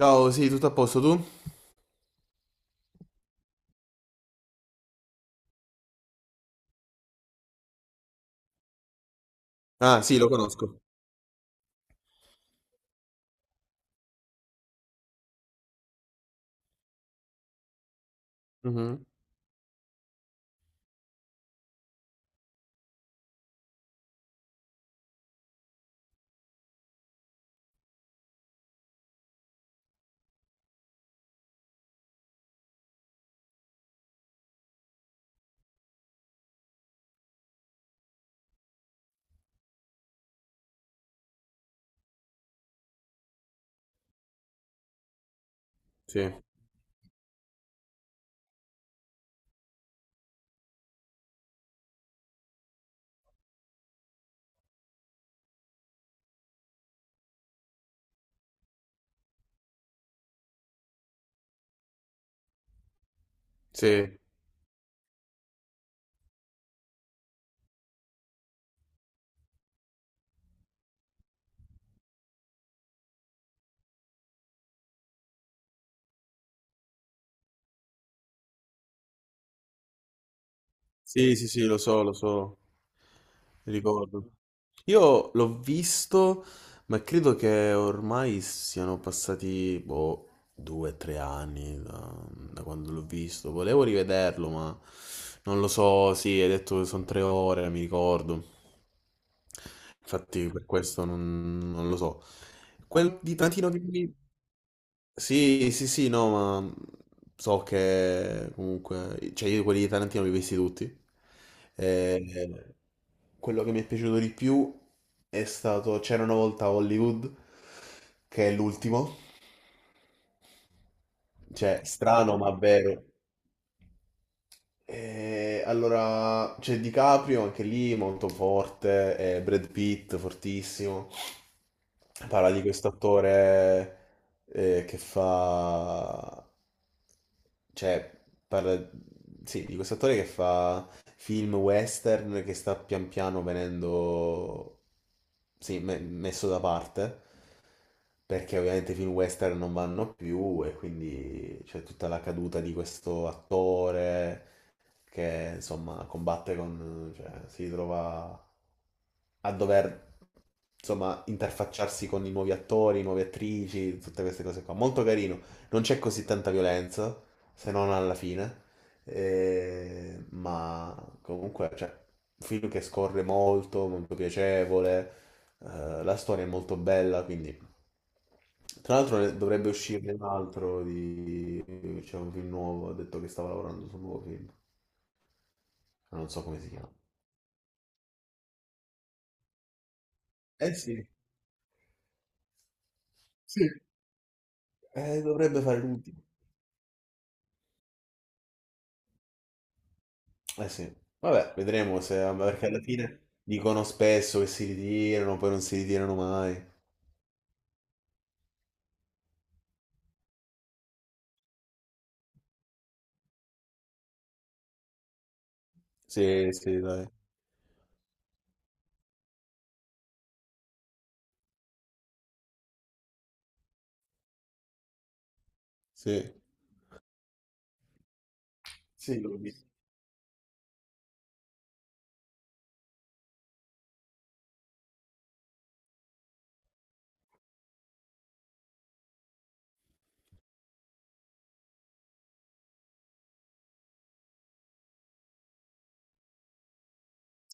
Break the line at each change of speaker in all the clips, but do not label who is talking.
Ciao, sì, tutto a posto tu? Ah, sì, lo conosco. Mhm. Sì, sì, sì, sì, sì, lo so, ricordo. Io l'ho visto, ma credo che ormai siano passati, boh, due o tre anni da, da quando l'ho visto. Volevo rivederlo, ma non lo so. Sì, hai detto che sono tre ore, mi ricordo. Infatti, per questo non, non lo so. Quel di Tarantino che mi... Sì, sì, sì, no, ma so che comunque, cioè, io quelli di Tarantino li ho visti tutti. Eh, quello che mi è piaciuto di più è stato C'era una volta a Hollywood, che è l'ultimo. Cioè, strano ma vero. Allora, c'è DiCaprio anche lì, molto forte, e Brad Pitt, fortissimo. Parla di questo attore, che fa... Cioè, parla, sì, di questo attore che fa film western che sta pian piano venendo, sì, messo da parte, perché ovviamente i film western non vanno più, e quindi c'è tutta la caduta di questo attore che insomma combatte con, cioè, si trova a dover insomma interfacciarsi con i nuovi attori, nuove attrici, tutte queste cose qua. Molto carino, non c'è così tanta violenza, se non alla fine, ma comunque, cioè, un film che scorre molto, molto piacevole, la storia è molto bella, quindi... Tra l'altro dovrebbe uscirne un altro di... c'è un film nuovo, ha detto che stava lavorando su un nuovo film, ma non so come si chiama. Eh sì, sì, dovrebbe fare l'ultimo. Eh sì, vabbè, vedremo se, ma perché alla fine dicono spesso che si ritirano, poi non si ritirano mai. Sì, sì, dai, sì. Sì, l'ho visto.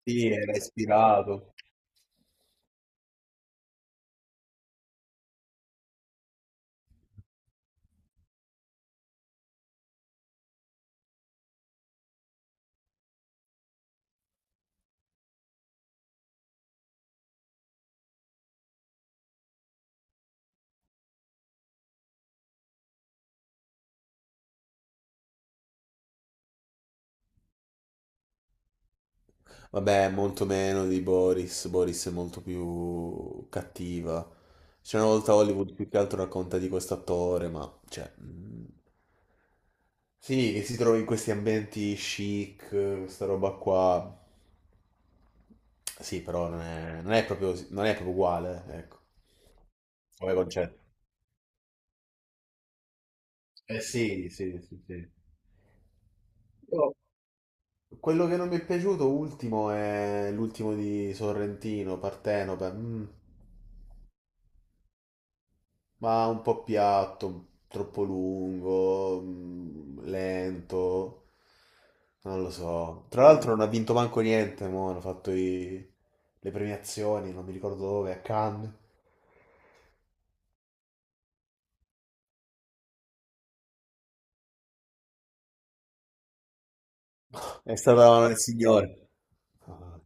Sì, era ispirato. Vabbè, molto meno di Boris. Boris è molto più cattiva. C'è una volta Hollywood più che altro racconta di questo attore, ma cioè, sì, che si trova in questi ambienti chic, questa roba qua. Sì, però non è, non è proprio, non è proprio uguale, ecco, come concetto. Eh sì, sì, sì, sì. Io... quello che non mi è piaciuto ultimo è l'ultimo di Sorrentino, Partenope, ma un po' piatto, troppo lungo, lento, non lo so. Tra l'altro non ha vinto manco niente, mo, hanno fatto le premiazioni, non mi ricordo dove, a Cannes. È stata una del signore. Ah,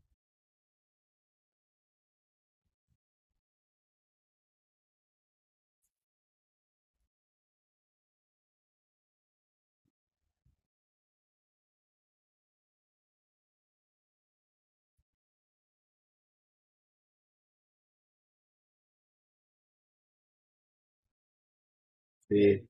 sì.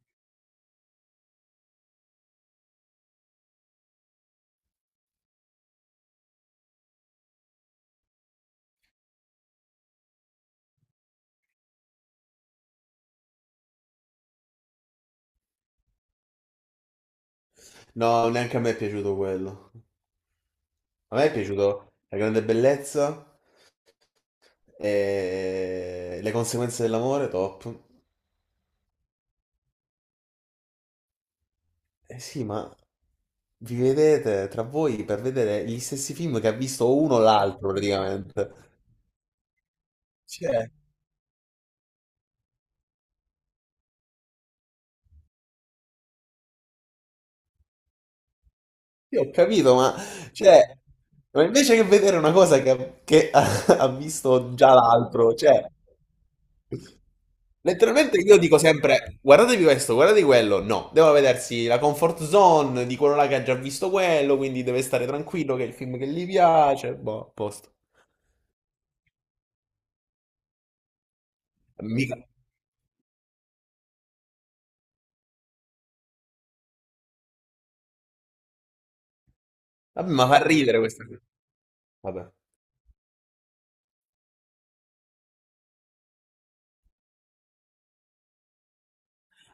No, neanche a me è piaciuto quello. A me è piaciuto La grande bellezza e Le conseguenze dell'amore, top. Eh sì, ma vi vedete tra voi per vedere gli stessi film che ha visto uno o l'altro praticamente. Cioè, io ho capito, ma, cioè, ma invece che vedere una cosa che ha, ha visto già l'altro, cioè, letteralmente io dico sempre, guardatevi questo, guardate quello, no, devo vedersi la comfort zone di quello là che ha già visto quello, quindi deve stare tranquillo che è il film che gli piace, boh, a posto. Mica... Vabbè, ma fa ridere questa cosa. Vabbè.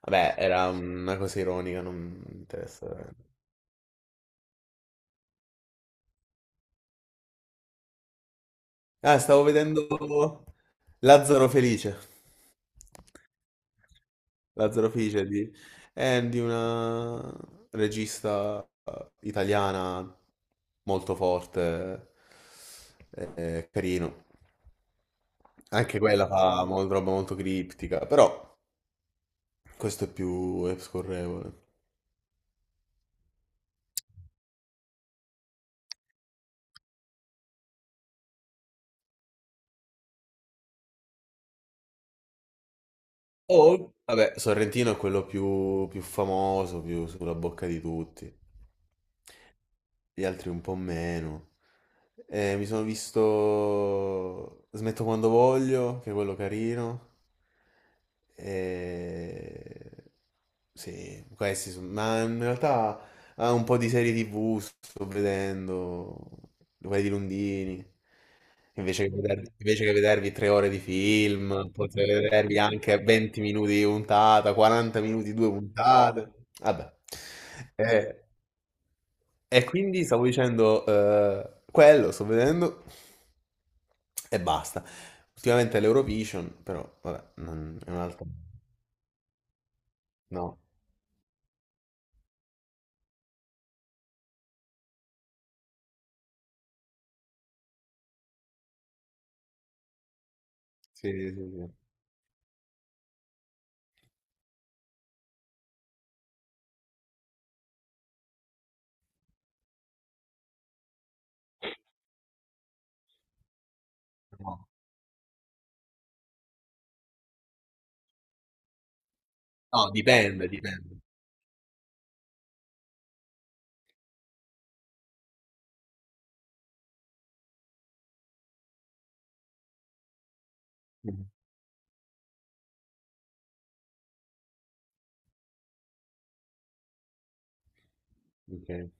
Vabbè, era una cosa ironica, non mi interessa. Ah, stavo vedendo Lazzaro Felice. Lazzaro Felice di, è di una regista, italiana molto forte, carino. Anche quella fa roba molto criptica, però questo è più è scorrevole. Oh, vabbè, Sorrentino è quello più, più famoso, più sulla bocca di tutti. Gli altri un po' meno. Mi sono visto Smetto quando voglio, che è quello carino. E... sì, questi sono... Ma in realtà ha un po' di serie TV, sto vedendo, quelle di Lundini. Invece che vedervi 3 ore di film, potete vedervi anche 20 minuti di puntata, 40 minuti di due puntate. Vabbè. Eh, e quindi stavo dicendo, quello sto vedendo e basta. Ultimamente l'Eurovision, però vabbè, non- è un'altra. No, sì, sì, sì, sì. No, no, dipende, dipende. Mhm. Ok.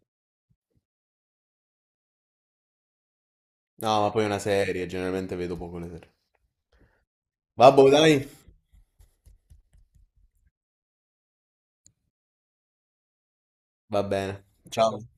No, ma poi è una serie, generalmente vedo poco le serie. Vabbè, dai, va bene. Ciao.